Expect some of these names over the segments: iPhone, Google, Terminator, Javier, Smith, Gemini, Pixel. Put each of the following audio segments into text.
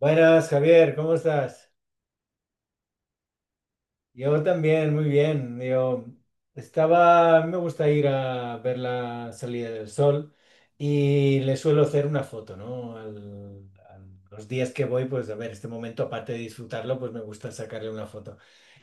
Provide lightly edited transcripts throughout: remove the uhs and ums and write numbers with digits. Buenas, Javier, ¿cómo estás? Yo también, muy bien. A mí me gusta ir a ver la salida del sol y le suelo hacer una foto, ¿no? Los días que voy, pues a ver, este momento, aparte de disfrutarlo, pues me gusta sacarle una foto.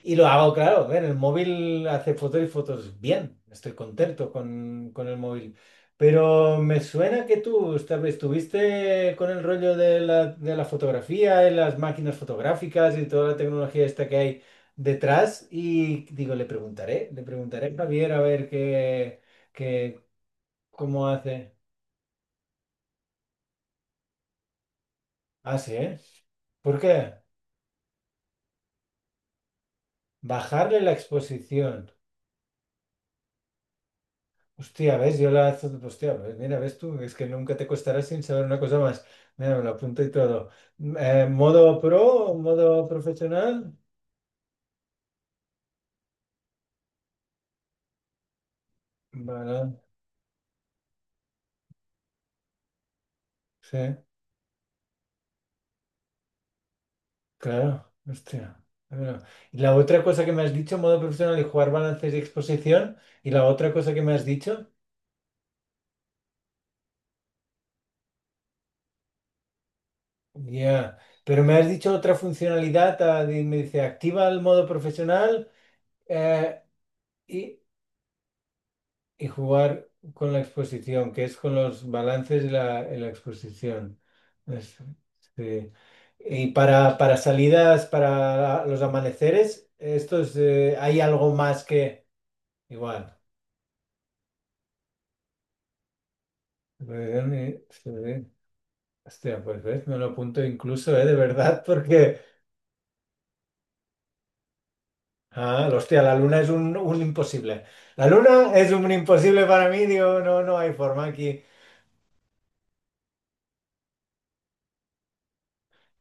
Y lo hago, claro, a ver, el móvil hace fotos y fotos bien, estoy contento con el móvil. Pero me suena que tú estuviste con el rollo de de la fotografía y las máquinas fotográficas y toda la tecnología esta que hay detrás y digo, le preguntaré a Javier a ver qué, cómo hace. Ah, sí, ¿eh? ¿Por qué? Bajarle la exposición. Hostia, ¿ves? Yo la... Hostia, pues mira, ¿ves tú? Es que nunca te costará sin saber una cosa más. Mira, me lo apunto y todo. ¿Modo pro? ¿Modo profesional? Vale, sí, claro. Hostia. Bueno, y la otra cosa que me has dicho, modo profesional y jugar balances y exposición. Y la otra cosa que me has dicho. Ya, pero me has dicho otra funcionalidad, ah, me dice activa el modo profesional, eh, y, y jugar con la exposición, que es con los balances de en la exposición. Es- sí. Y para salidas, para los amaneceres, esto es, hay algo más que igual. Sí. Hostia, pues ves, me lo apunto incluso, de verdad, porque... Ah, hostia, la luna es un imposible. La luna es un imposible para mí, digo, no, no hay forma aquí.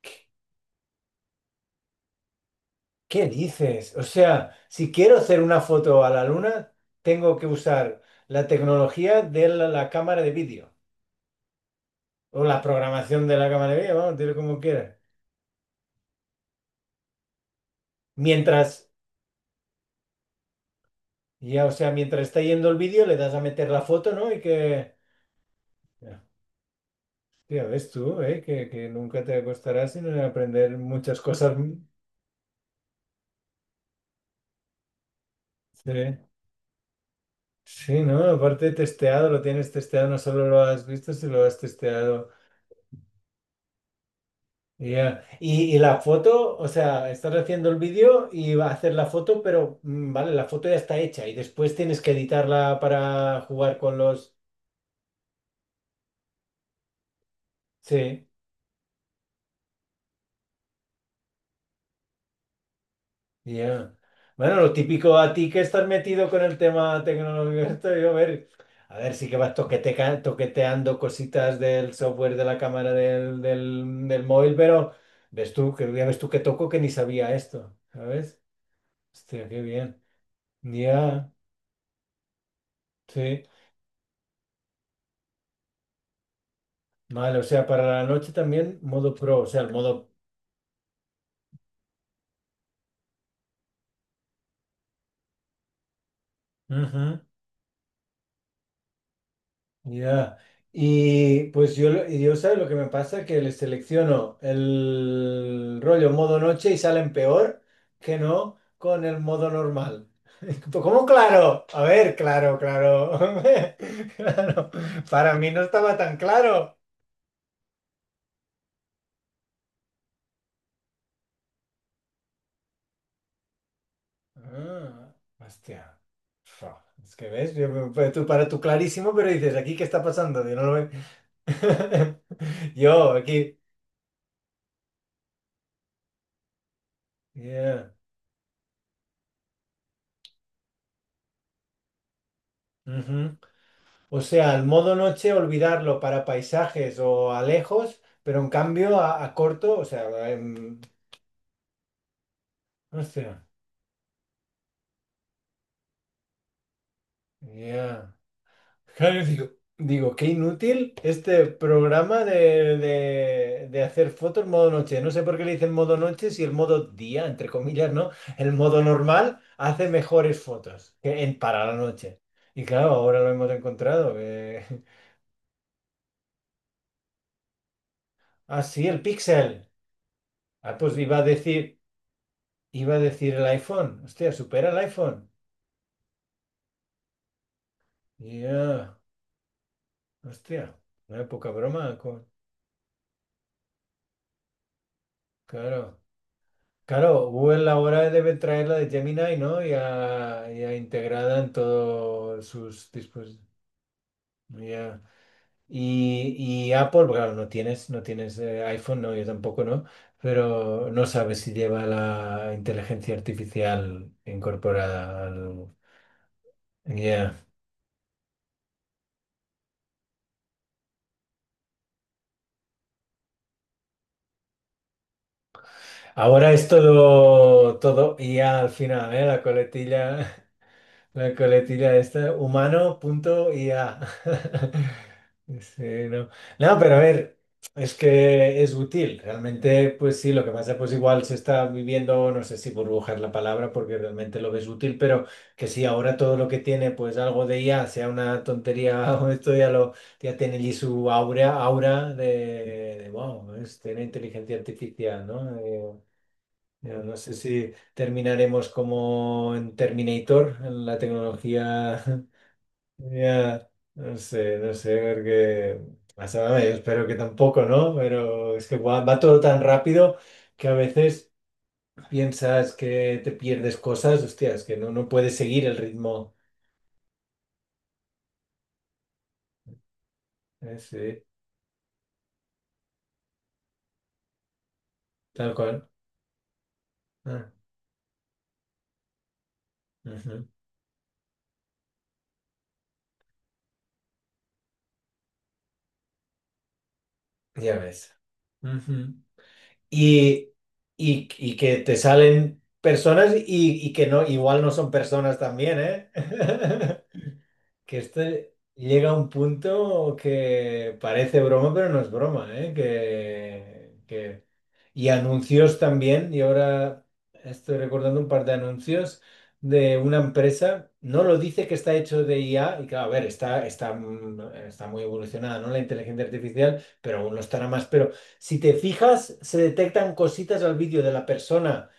¿Qué, qué dices? O sea, si quiero hacer una foto a la luna, tengo que usar la tecnología de la cámara de vídeo o la programación de la cámara de vídeo, vamos, dile como quieras. Mientras, ya, o sea, mientras está yendo el vídeo, le das a meter la foto, ¿no? Y que... Hostia, ves tú, ¿eh? Que nunca te acostarás sin aprender muchas cosas. Sí. Sí, ¿no? Aparte testeado, lo tienes testeado, no solo lo has visto, sino lo has testeado. Ya. Y la foto, o sea, estás haciendo el vídeo y va a hacer la foto, pero vale, la foto ya está hecha y después tienes que editarla para jugar con los... Sí. Ya. Bueno, lo típico a ti que estás metido con el tema tecnológico, esto, yo a ver, sí que vas toqueteando cositas del software de la cámara del móvil, pero ves tú, que ya ves tú que toco que ni sabía esto, ¿sabes? Hostia, qué bien. Ya, sí. Vale, o sea, para la noche también modo pro, o sea, el modo... Ujú. Ya, y pues yo, yo sabes lo que me pasa, que les selecciono el rollo modo noche y salen peor que no con el modo normal. Pues, ¿cómo claro? A ver, claro, claro. Claro, para mí no estaba tan claro. Ah, hostia. Fua, es que ves, para tú clarísimo, pero dices, ¿aquí qué está pasando? Yo no lo veo. Yo, aquí. Yeah. O sea, el modo noche olvidarlo para paisajes o a lejos, pero en cambio a corto, o sea, no sé, ya. Claro, digo, digo, qué inútil este programa de hacer fotos modo noche. No sé por qué le dicen modo noche si el modo día, entre comillas, ¿no? El modo normal hace mejores fotos que en, para la noche. Y claro, ahora lo hemos encontrado. Ah, sí, el pixel. Ah, pues iba a decir. Iba a decir el iPhone. Hostia, supera el iPhone. Ya, hostia, una poca broma. Co- Claro. Claro, Google ahora debe traer la de Gemini, ¿no? Ya, ya integrada en todos sus dispositivos. ¿No? Ya. Y, y Apple, pues claro, no tienes, no tienes iPhone, no, yo tampoco, ¿no? Pero no sabes si lleva la inteligencia artificial incorporada al... Ya. Ahora es todo, todo IA al final, ¿eh? La coletilla. La coletilla esta, humano.ia. Sí, no. No, pero a ver, es que es útil. Realmente, pues sí, lo que pasa, pues igual se está viviendo, no sé si burbujar la palabra, porque realmente lo ves útil, pero que si ahora todo lo que tiene, pues algo de IA, sea una tontería o esto ya lo, ya tiene allí su aura, aura de, wow, es, tiene inteligencia artificial, ¿no? Yo no sé si terminaremos como en Terminator, en la tecnología. Ya, no sé, no sé, porque... O sea, yo espero que tampoco, ¿no? Pero es que va, va todo tan rápido que a veces piensas que te pierdes cosas, hostias, que no, no puedes seguir el ritmo. Sí, tal cual. Ah, ujú, ya ves. Ujú. y, y que te salen personas y que no, igual no son personas también, ¿eh? Que esto llega a un punto que parece broma, pero no es broma, ¿eh? Que Y anuncios también, y ahora estoy recordando un par de anuncios de una empresa, no lo dice que está hecho de IA, y claro, a ver, está muy evolucionada, ¿no? La inteligencia artificial, pero aún lo estará más. Pero si te fijas, se detectan cositas al vídeo de la persona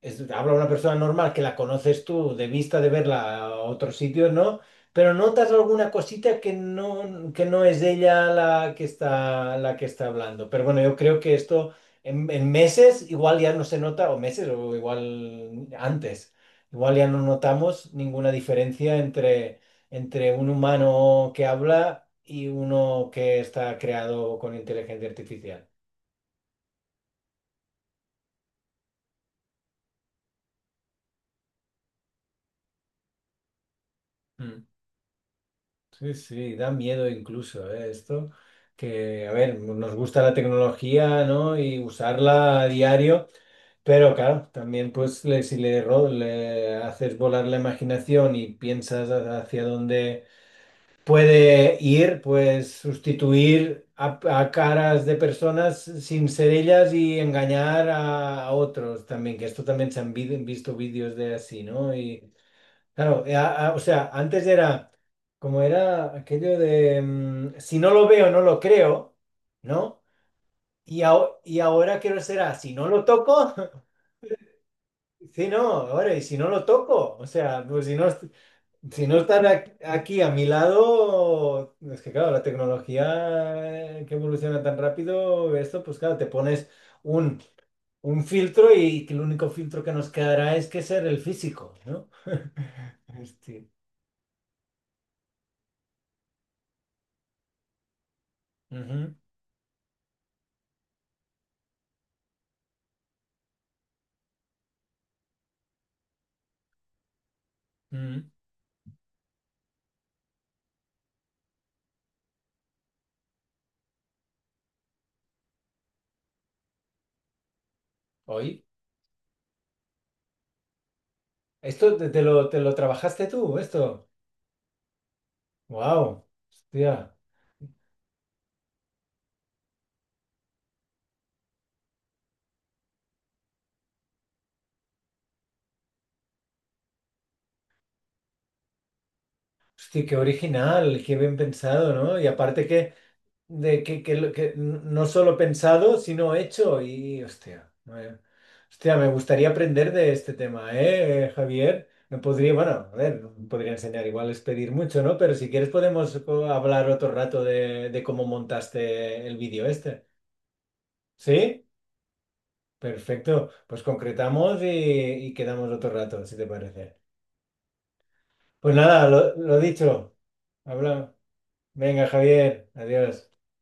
habla una persona normal que la conoces tú de vista de verla a otros sitios, ¿no? Pero notas alguna cosita que no es ella la que está hablando. Pero bueno, yo creo que esto en meses igual ya no se nota, o meses o igual antes, igual ya no notamos ninguna diferencia entre, entre un humano que habla y uno que está creado con inteligencia artificial. Mm. Sí, sí, da miedo incluso, ¿eh? Esto, que, a ver, nos gusta la tecnología, ¿no? Y usarla a diario, pero claro, también pues si le, le haces volar la imaginación y piensas hacia dónde puede ir, pues sustituir a caras de personas sin ser ellas y engañar a otros también, que esto también se han visto vídeos de así, ¿no? Claro, o sea, antes era como era aquello de si no lo veo, no lo creo, ¿no? Y, y ahora quiero ser a si no lo toco, sí, no, ahora, y si no lo toco, o sea, pues si no, si no están aquí a mi lado, es que claro, la tecnología que evoluciona tan rápido, esto, pues claro, te pones un, un filtro y que el único filtro que nos quedará es que ser el físico, ¿no? Este, ujú, mm. Hoy, esto te lo trabajaste tú, esto. Wow, hostia, hostia, qué original, qué bien pensado, ¿no? Y aparte que, de, que, lo- que no solo pensado, sino hecho. Y hostia, no, hostia, me gustaría aprender de este tema, ¿eh, Javier? Me podría, bueno, a ver, no podría enseñar, igual es pedir mucho, ¿no? Pero si quieres podemos hablar otro rato de cómo montaste el vídeo este. ¿Sí? Perfecto, pues concretamos y quedamos otro rato, si te parece. Pues nada, lo dicho, habla. Venga, Javier, adiós.